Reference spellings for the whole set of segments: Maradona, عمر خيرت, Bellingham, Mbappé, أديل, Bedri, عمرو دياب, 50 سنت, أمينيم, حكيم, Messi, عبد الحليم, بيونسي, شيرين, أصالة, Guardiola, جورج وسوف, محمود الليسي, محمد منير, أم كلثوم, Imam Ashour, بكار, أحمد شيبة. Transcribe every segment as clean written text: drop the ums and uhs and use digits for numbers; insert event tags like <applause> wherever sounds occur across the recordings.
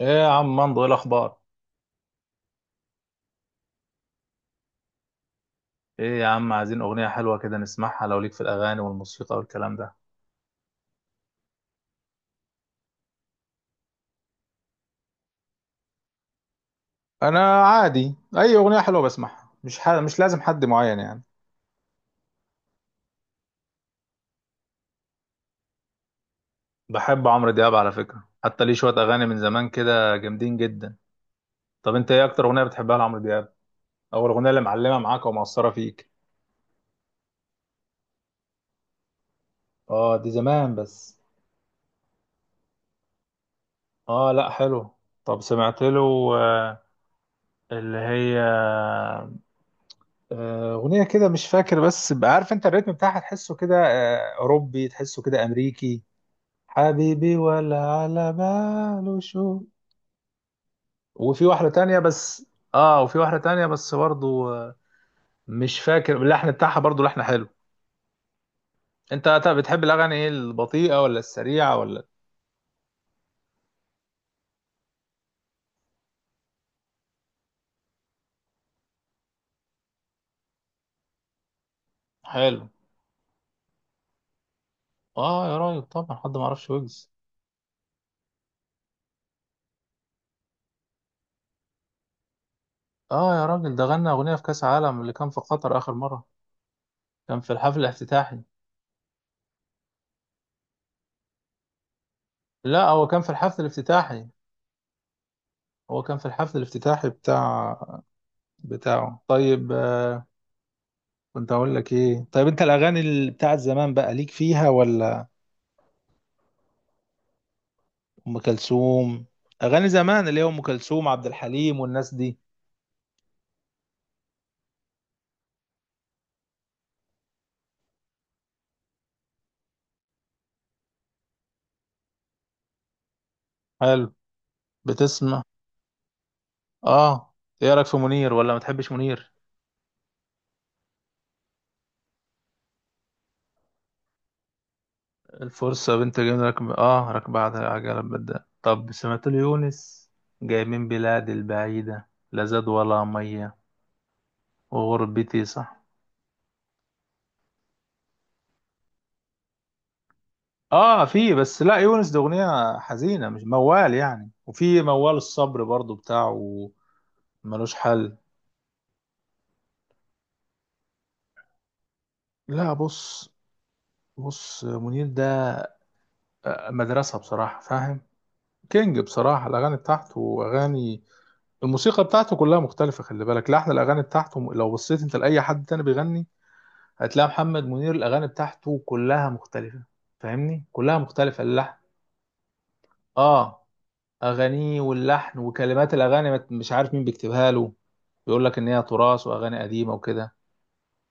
ايه يا عم مندو، ايه الاخبار؟ ايه يا عم، عايزين اغنيه حلوه كده نسمعها. لو ليك في الاغاني والموسيقى والكلام ده. انا عادي اي اغنيه حلوه بسمعها، مش ح... مش لازم حد معين يعني. بحب عمرو دياب على فكره، حتى ليه شويه اغاني من زمان كده جامدين جدا. طب انت ايه اكتر اغنيه بتحبها لعمرو دياب، او الاغنيه اللي معلمه معاك ومأثره فيك؟ اه دي زمان بس. اه لا حلو. طب سمعت له. آه، اللي هي أغنية كده مش فاكر، بس بقى عارف أنت الريتم بتاعها، تحسه كده أوروبي، تحسه كده أمريكي. حبيبي ولا على باله شو. وفي واحدة تانية بس. آه وفي واحدة تانية بس برضو، مش فاكر اللحن بتاعها، برضو لحن حلو. أنت طب بتحب الأغاني إيه، البطيئة ولا السريعة ولا؟ حلو. آه يا راجل، طبعا حد ما يعرفش ويجز. آه يا راجل، ده غنى أغنية في كأس العالم اللي كان في قطر آخر مرة. كان في الحفل الافتتاحي. لا هو كان في الحفل الافتتاحي. هو كان في الحفل الافتتاحي بتاع بتاعه. طيب كنت اقول لك ايه؟ طيب انت الاغاني بتاعت زمان بقى ليك فيها ولا؟ ام كلثوم. اغاني زمان اللي هي ام كلثوم، عبد الحليم، والناس دي. حلو. بتسمع. اه. ايه رايك في منير، ولا ما تحبش منير؟ الفرصه بنت جميله، ركب اه ركب بعدها عجله بدأ. طب سمعت ليونس؟ جاي من بلاد البعيده، لا زاد ولا ميه. وغربتي صح. اه في، بس لا يونس ده اغنيه حزينه مش موال يعني. وفي موال الصبر برضو بتاعه. ملوش حل. لا بص، بص منير ده مدرسه بصراحه، فاهم. كينج بصراحه، الاغاني بتاعته واغاني الموسيقى بتاعته كلها مختلفه. خلي بالك لحن الاغاني بتاعته، لو بصيت انت لاي حد تاني بيغني هتلاقي محمد منير الاغاني بتاعته كلها مختلفه. فاهمني، كلها مختلفه اللحن. اه. اغانيه واللحن وكلمات الاغاني مش عارف مين بيكتبها له. بيقول لك ان هي تراث واغاني قديمه وكده،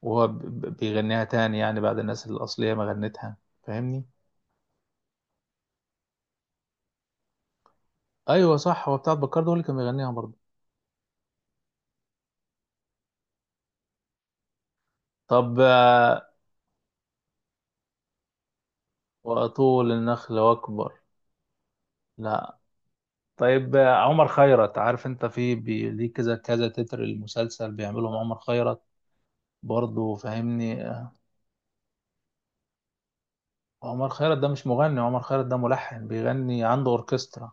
وهو بيغنيها تاني يعني بعد الناس الاصليه ما غنتها. فاهمني. ايوه صح، هو بتاع بكار ده هو اللي كان بيغنيها برضه. طب واطول النخل واكبر. لا. طيب عمر خيرت، عارف انت؟ في ليه كذا كذا تتر المسلسل بيعملهم عمر خيرت برضه، فاهمني. عمر خيرت ده مش مغني، عمر خيرت ده ملحن، بيغني عنده اوركسترا.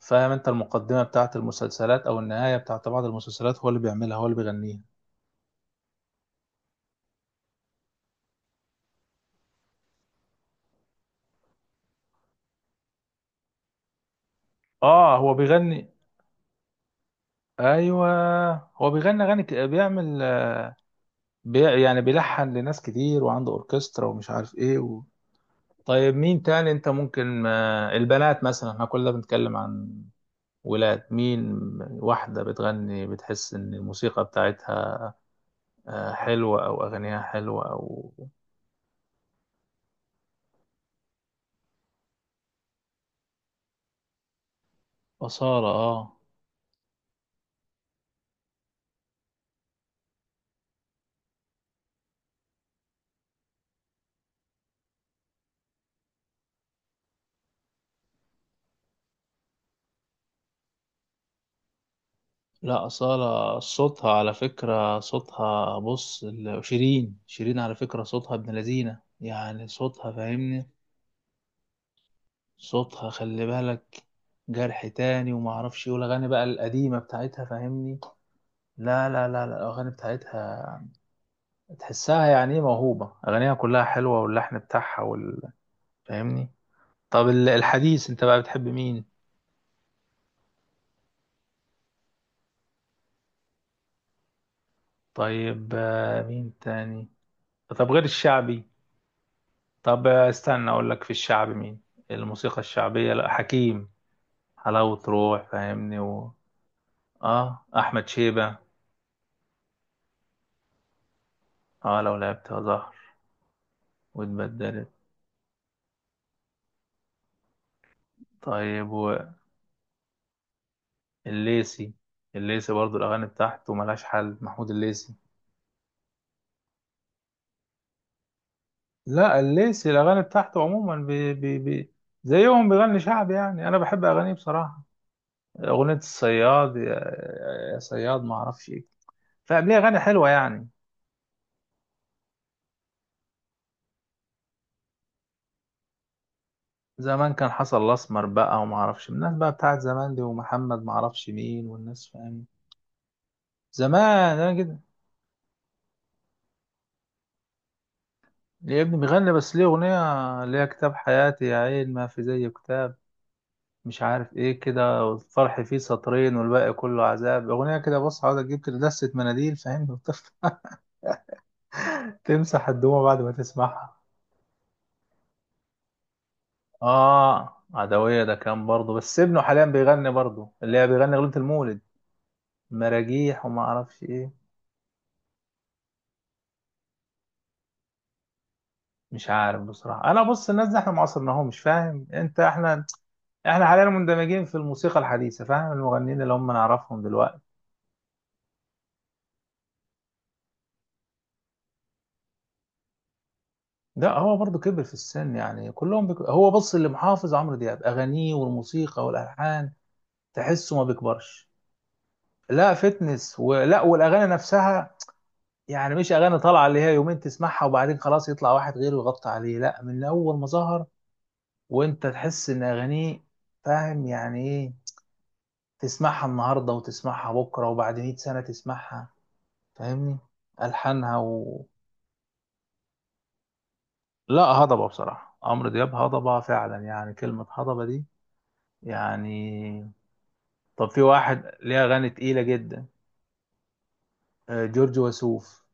فاهم انت؟ المقدمه بتاعت المسلسلات او النهايه بتاعت بعض المسلسلات هو اللي بيعملها، هو اللي بيغنيها. اه هو بيغني. ايوه، هو بيغني اغاني بيعمل، يعني بيلحن لناس كتير، وعنده اوركسترا، ومش عارف ايه و... طيب مين تاني انت ممكن؟ البنات مثلا، احنا كلنا بنتكلم عن ولاد. مين؟ واحدة بتغني، بتحس ان الموسيقى بتاعتها حلوة، او اغانيها حلوة، او... أصالة؟ اه. لا أصالة صوتها على فكرة، صوتها بص شيرين. شيرين على فكرة صوتها ابن لذينة يعني، صوتها فاهمني. صوتها خلي بالك جرح تاني وما اعرفش ايه، والاغاني بقى القديمه بتاعتها فاهمني. لا الاغاني بتاعتها تحسها يعني ايه، موهوبه. اغانيها كلها حلوه واللحن بتاعها وال... فاهمني. طب الحديث انت بقى بتحب مين؟ طيب مين تاني؟ طب غير الشعبي. طب استنى اقول لك في الشعب مين. الموسيقى الشعبية، لا حكيم. حلاوة روح فاهمني و... اه احمد شيبة، اه لو لعبت زهر واتبدلت. طيب. والليسي، الليسي برضو الاغاني بتاعته ملهاش حل، محمود الليسي. لا الليسي الاغاني بتاعته عموما، بي زيهم بيغني شعب يعني. انا بحب اغانيه بصراحة. اغنية الصياد يا، يا صياد ما اعرفش ايه، فقبليه، اغاني حلوة يعني. زمان كان حصل الاسمر بقى وما اعرفش الناس بقى بتاعت زمان دي، ومحمد ما اعرفش مين والناس، فاهم؟ زمان انا كده. ليه ابني بيغني، بس ليه اغنيه اللي هي كتاب حياتي يا عين، ما في زي كتاب، مش عارف ايه كده، والفرح فيه سطرين والباقي كله عذاب. اغنيه كده بص، عاوز اجيب كده دسه مناديل فاهم، <laughs> تمسح الدموع بعد ما تسمعها. اه عدويه ده كان برضه، بس ابنه حاليا بيغني برضه، اللي هي بيغني اغنيه المولد، مراجيح وما اعرفش ايه. مش عارف بصراحة. أنا بص الناس دي إحنا ما عصرناهمش، فاهم أنت؟ إحنا، إحنا حاليا مندمجين في الموسيقى الحديثة، فاهم، المغنيين اللي هم نعرفهم دلوقتي. ده هو برضه كبر في السن يعني كلهم بك... هو بص، اللي محافظ عمرو دياب، أغانيه والموسيقى والألحان تحسه ما بيكبرش. لا فتنس ولا، والأغاني نفسها يعني. مش أغاني طالعة اللي هي يومين تسمعها وبعدين خلاص يطلع واحد غيره يغطي عليه. لا، من أول ما ظهر وأنت تحس إن أغانيه فاهم يعني إيه، تسمعها النهارده وتسمعها بكره وبعد 100 سنه تسمعها. فاهمني، الحانها و... لا هضبه بصراحه، عمرو دياب هضبه فعلا يعني، كلمه هضبه دي يعني. طب في واحد ليه اغاني تقيله جدا، جورج وسوف.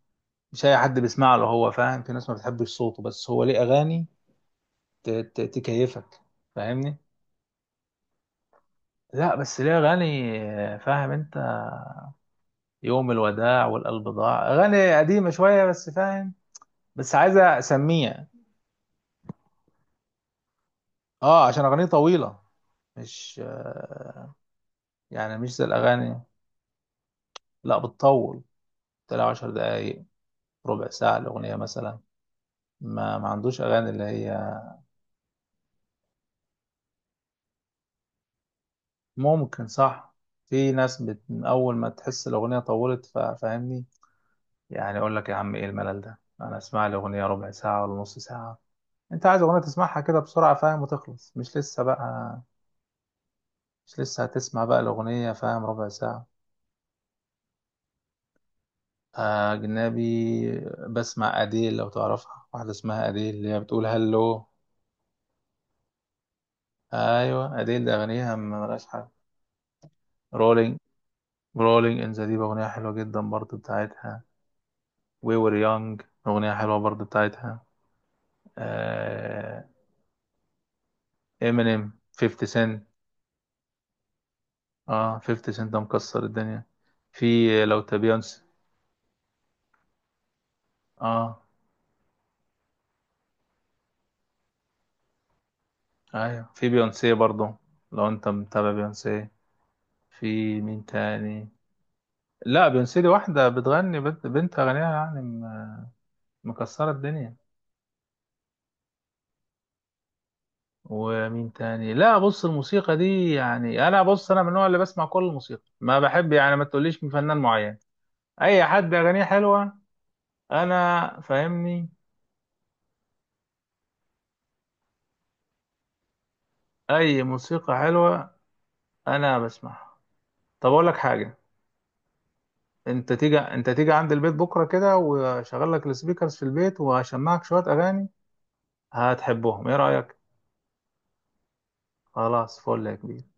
مش اي حد بيسمع له هو، فاهم، في ناس ما بتحبش صوته، بس هو ليه اغاني تكيفك، فاهمني. لا بس ليه اغاني فاهم انت، يوم الوداع، والقلب ضاع، اغاني قديمه شويه بس فاهم، بس عايزه اسميها. اه عشان اغانيه طويله، مش يعني مش زي الأغاني. لا بتطول، تلاقي عشر دقايق، ربع ساعة الأغنية مثلا. ما ما عندوش أغاني اللي هي... ممكن صح. في ناس بت... من أول ما تحس الأغنية طولت فاهمني. يعني أقول لك يا عم إيه الملل ده؟ أنا أسمع لي أغنية ربع ساعة ولا نص ساعة. أنت عايز أغنية تسمعها كده بسرعة فاهم وتخلص، مش لسه بقى، مش لسه هتسمع بقى الأغنية فاهم ربع ساعة. أجنبي؟ بسمع أديل لو تعرفها، واحدة اسمها أديل اللي هي بتقول هلو. ايوه اديل اغانيها ما ملهاش حل. رولينج رولينج ان ذا ديب اغنيه حلوه جدا برضو بتاعتها. وي وير يونج اغنيه حلوه برضو بتاعتها. امينيم، 50 سنت. اه 50 سنت ده مكسر الدنيا. في لو تا بيونسي. اه ايوه في بيونسي برضو. لو انت متابع بيونسي. في مين تاني؟ لا بيونسي دي واحدة بتغني، بنت أغنيها يعني، مكسرة الدنيا. ومين تاني؟ لا بص الموسيقى دي يعني انا، بص انا من النوع اللي بسمع كل الموسيقى، ما بحب يعني ما تقوليش من فنان معين. اي حد اغانيه حلوه انا فاهمني، اي موسيقى حلوه انا بسمعها. طب اقول لك حاجه، انت تيجي عند البيت بكره كده، واشغل لك السبيكرز في البيت وهشمعك شويه اغاني هتحبهم، ايه رايك؟ خلاص فل يا كبير.